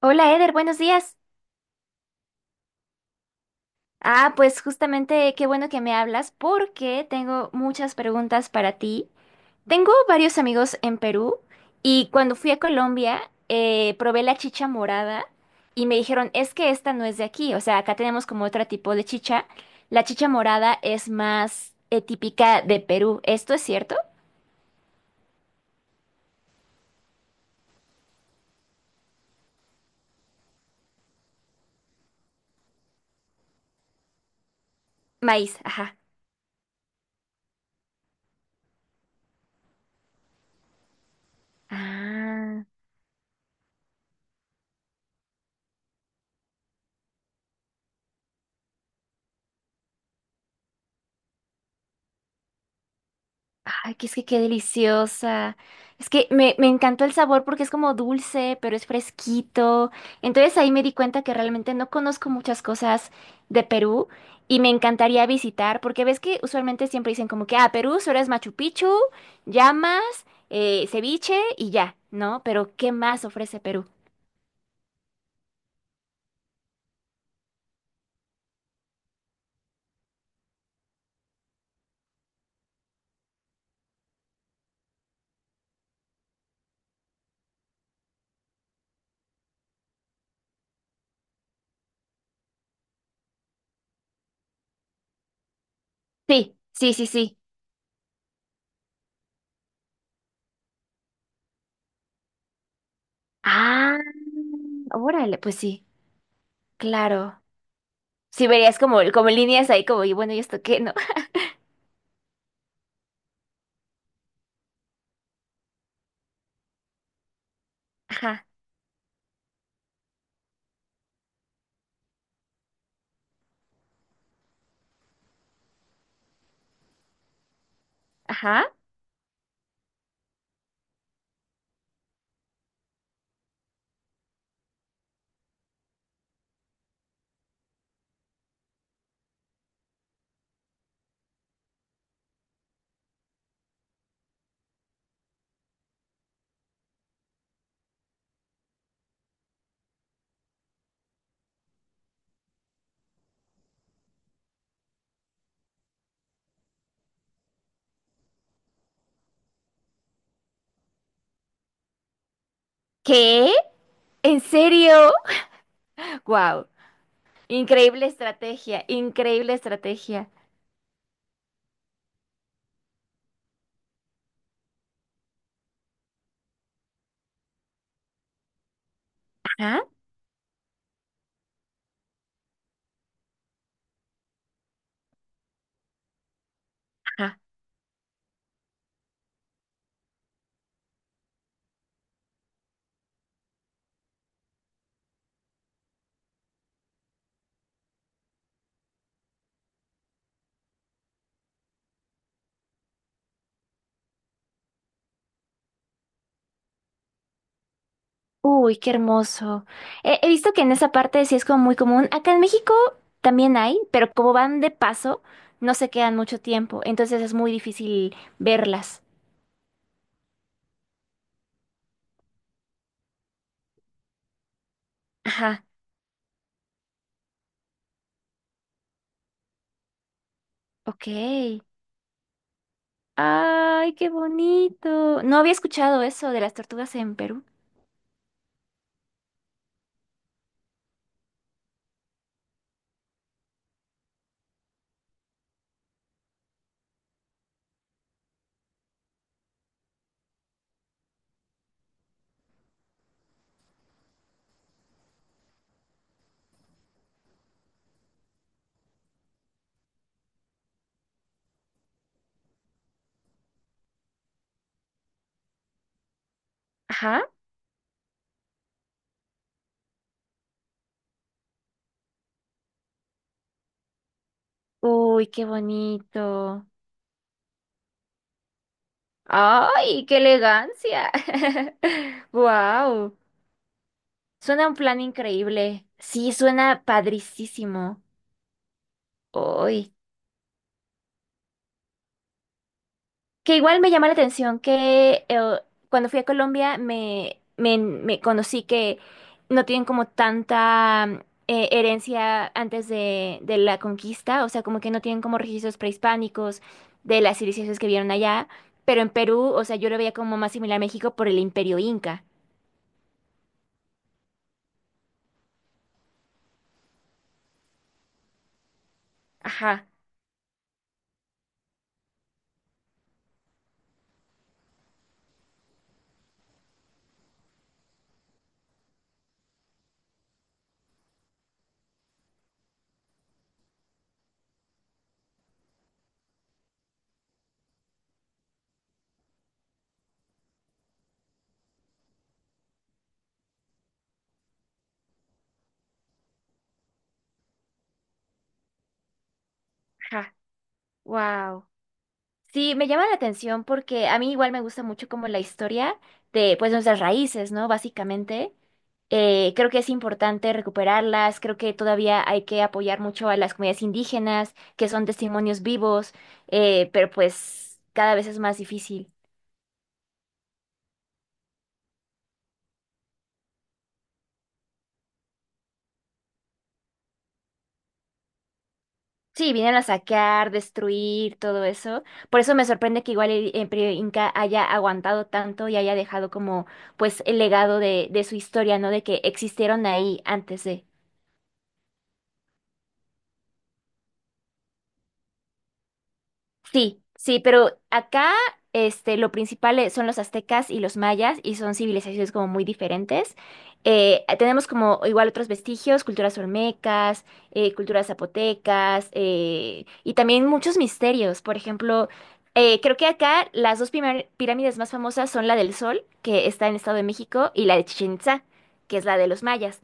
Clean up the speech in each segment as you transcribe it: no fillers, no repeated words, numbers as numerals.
Hola Eder, buenos días. Pues justamente qué bueno que me hablas porque tengo muchas preguntas para ti. Tengo varios amigos en Perú y cuando fui a Colombia probé la chicha morada y me dijeron, es que esta no es de aquí, o sea, acá tenemos como otro tipo de chicha. La chicha morada es más típica de Perú. ¿Esto es cierto? Maíz, ajá. Ah. Ay, que es que qué deliciosa. Es que me encantó el sabor porque es como dulce, pero es fresquito. Entonces ahí me di cuenta que realmente no conozco muchas cosas de Perú y me encantaría visitar porque ves que usualmente siempre dicen como que, ah, Perú solo es Machu Picchu, llamas, ceviche y ya, ¿no? Pero ¿qué más ofrece Perú? Sí, sí, sí, sí. Ah, órale, pues sí, claro. Sí, verías como, como líneas ahí como, y bueno, ¿y esto qué, no? Ajá, ajá. ¿Qué? ¿En serio? Wow. Increíble estrategia, increíble estrategia. Ajá, ajá. Uy, qué hermoso. He visto que en esa parte sí es como muy común. Acá en México también hay, pero como van de paso, no se quedan mucho tiempo. Entonces es muy difícil verlas. Ajá, ok. Ay, qué bonito. No había escuchado eso de las tortugas en Perú. Ajá. Uy, qué bonito. ¡Ay, qué elegancia! ¡Wow! Suena un plan increíble. Sí, suena padricísimo. ¡Ay! Que igual me llama la atención que cuando fui a Colombia me conocí que no tienen como tanta herencia antes de la conquista, o sea, como que no tienen como registros prehispánicos de las civilizaciones que vieron allá, pero en Perú, o sea, yo lo veía como más similar a México por el imperio inca. Ajá, ajá. Wow. Sí, me llama la atención porque a mí igual me gusta mucho como la historia de pues nuestras raíces, ¿no? Básicamente. Creo que es importante recuperarlas, creo que todavía hay que apoyar mucho a las comunidades indígenas, que son testimonios vivos, pero pues cada vez es más difícil. Sí, vinieron a saquear, destruir, todo eso. Por eso me sorprende que igual el Imperio Inca haya aguantado tanto y haya dejado como pues el legado de su historia, ¿no? De que existieron ahí antes de... Sí, sí, pero acá este, lo principal son los aztecas y los mayas y son civilizaciones como muy diferentes. Tenemos como igual otros vestigios, culturas olmecas, culturas zapotecas y también muchos misterios. Por ejemplo, creo que acá las dos pirámides más famosas son la del Sol, que está en Estado de México, y la de Chichén Itzá, que es la de los mayas.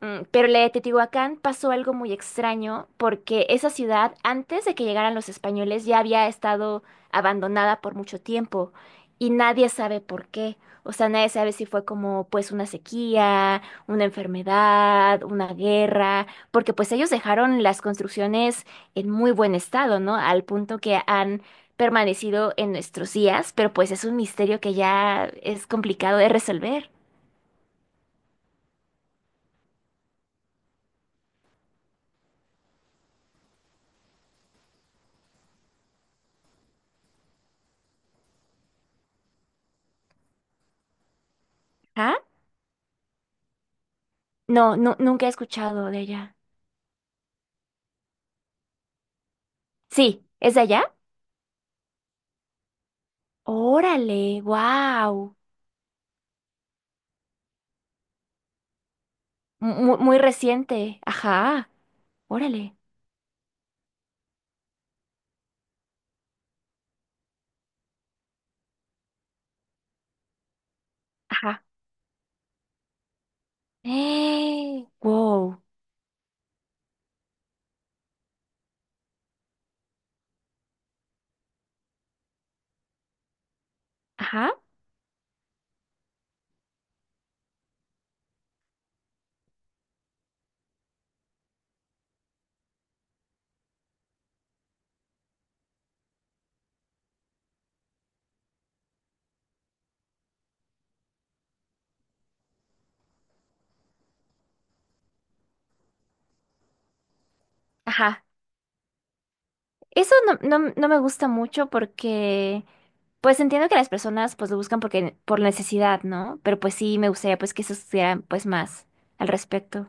Pero la de Teotihuacán pasó algo muy extraño porque esa ciudad, antes de que llegaran los españoles, ya había estado abandonada por mucho tiempo y nadie sabe por qué. O sea, nadie sabe si fue como pues una sequía, una enfermedad, una guerra, porque pues ellos dejaron las construcciones en muy buen estado, ¿no? Al punto que han permanecido en nuestros días, pero pues es un misterio que ya es complicado de resolver. ¿Ah? No, no, nunca he escuchado de ella. Sí, ¿es de allá? Órale, wow. Muy, muy reciente. Ajá, órale. Ajá. Wow. Ajá, ajá. Eso no, no, no me gusta mucho porque, pues entiendo que las personas pues lo buscan porque, por necesidad, ¿no? Pero pues sí, me gustaría pues que se estudiaran pues más al respecto.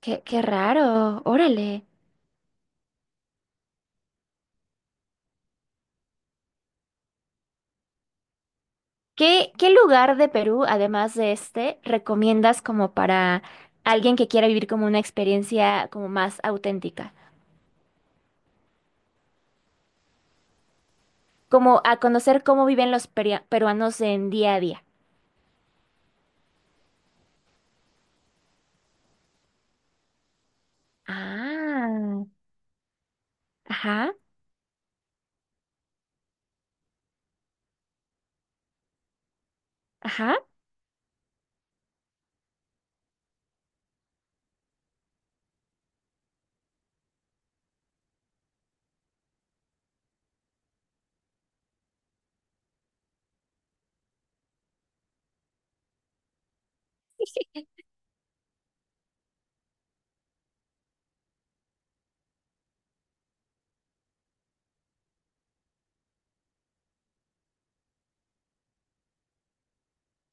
Qué, qué raro, órale. ¿Qué, qué lugar de Perú, además de este, recomiendas como para alguien que quiera vivir como una experiencia como más auténtica? Como a conocer cómo viven los peruanos en día a día. Ah, ajá, ajá,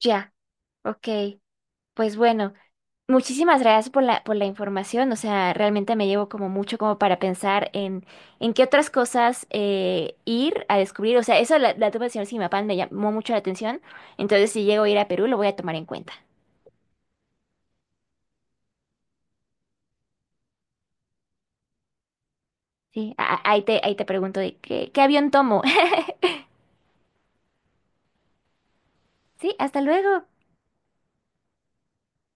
ya, ok. Pues bueno. Muchísimas gracias por por la información. O sea, realmente me llevo como mucho como para pensar en qué otras cosas ir a descubrir. O sea, eso la tuve del señor Simapán me llamó mucho la atención. Entonces, si llego a ir a Perú, lo voy a tomar en cuenta. Sí, ahí ahí te pregunto de qué, qué avión tomo. Sí, hasta luego.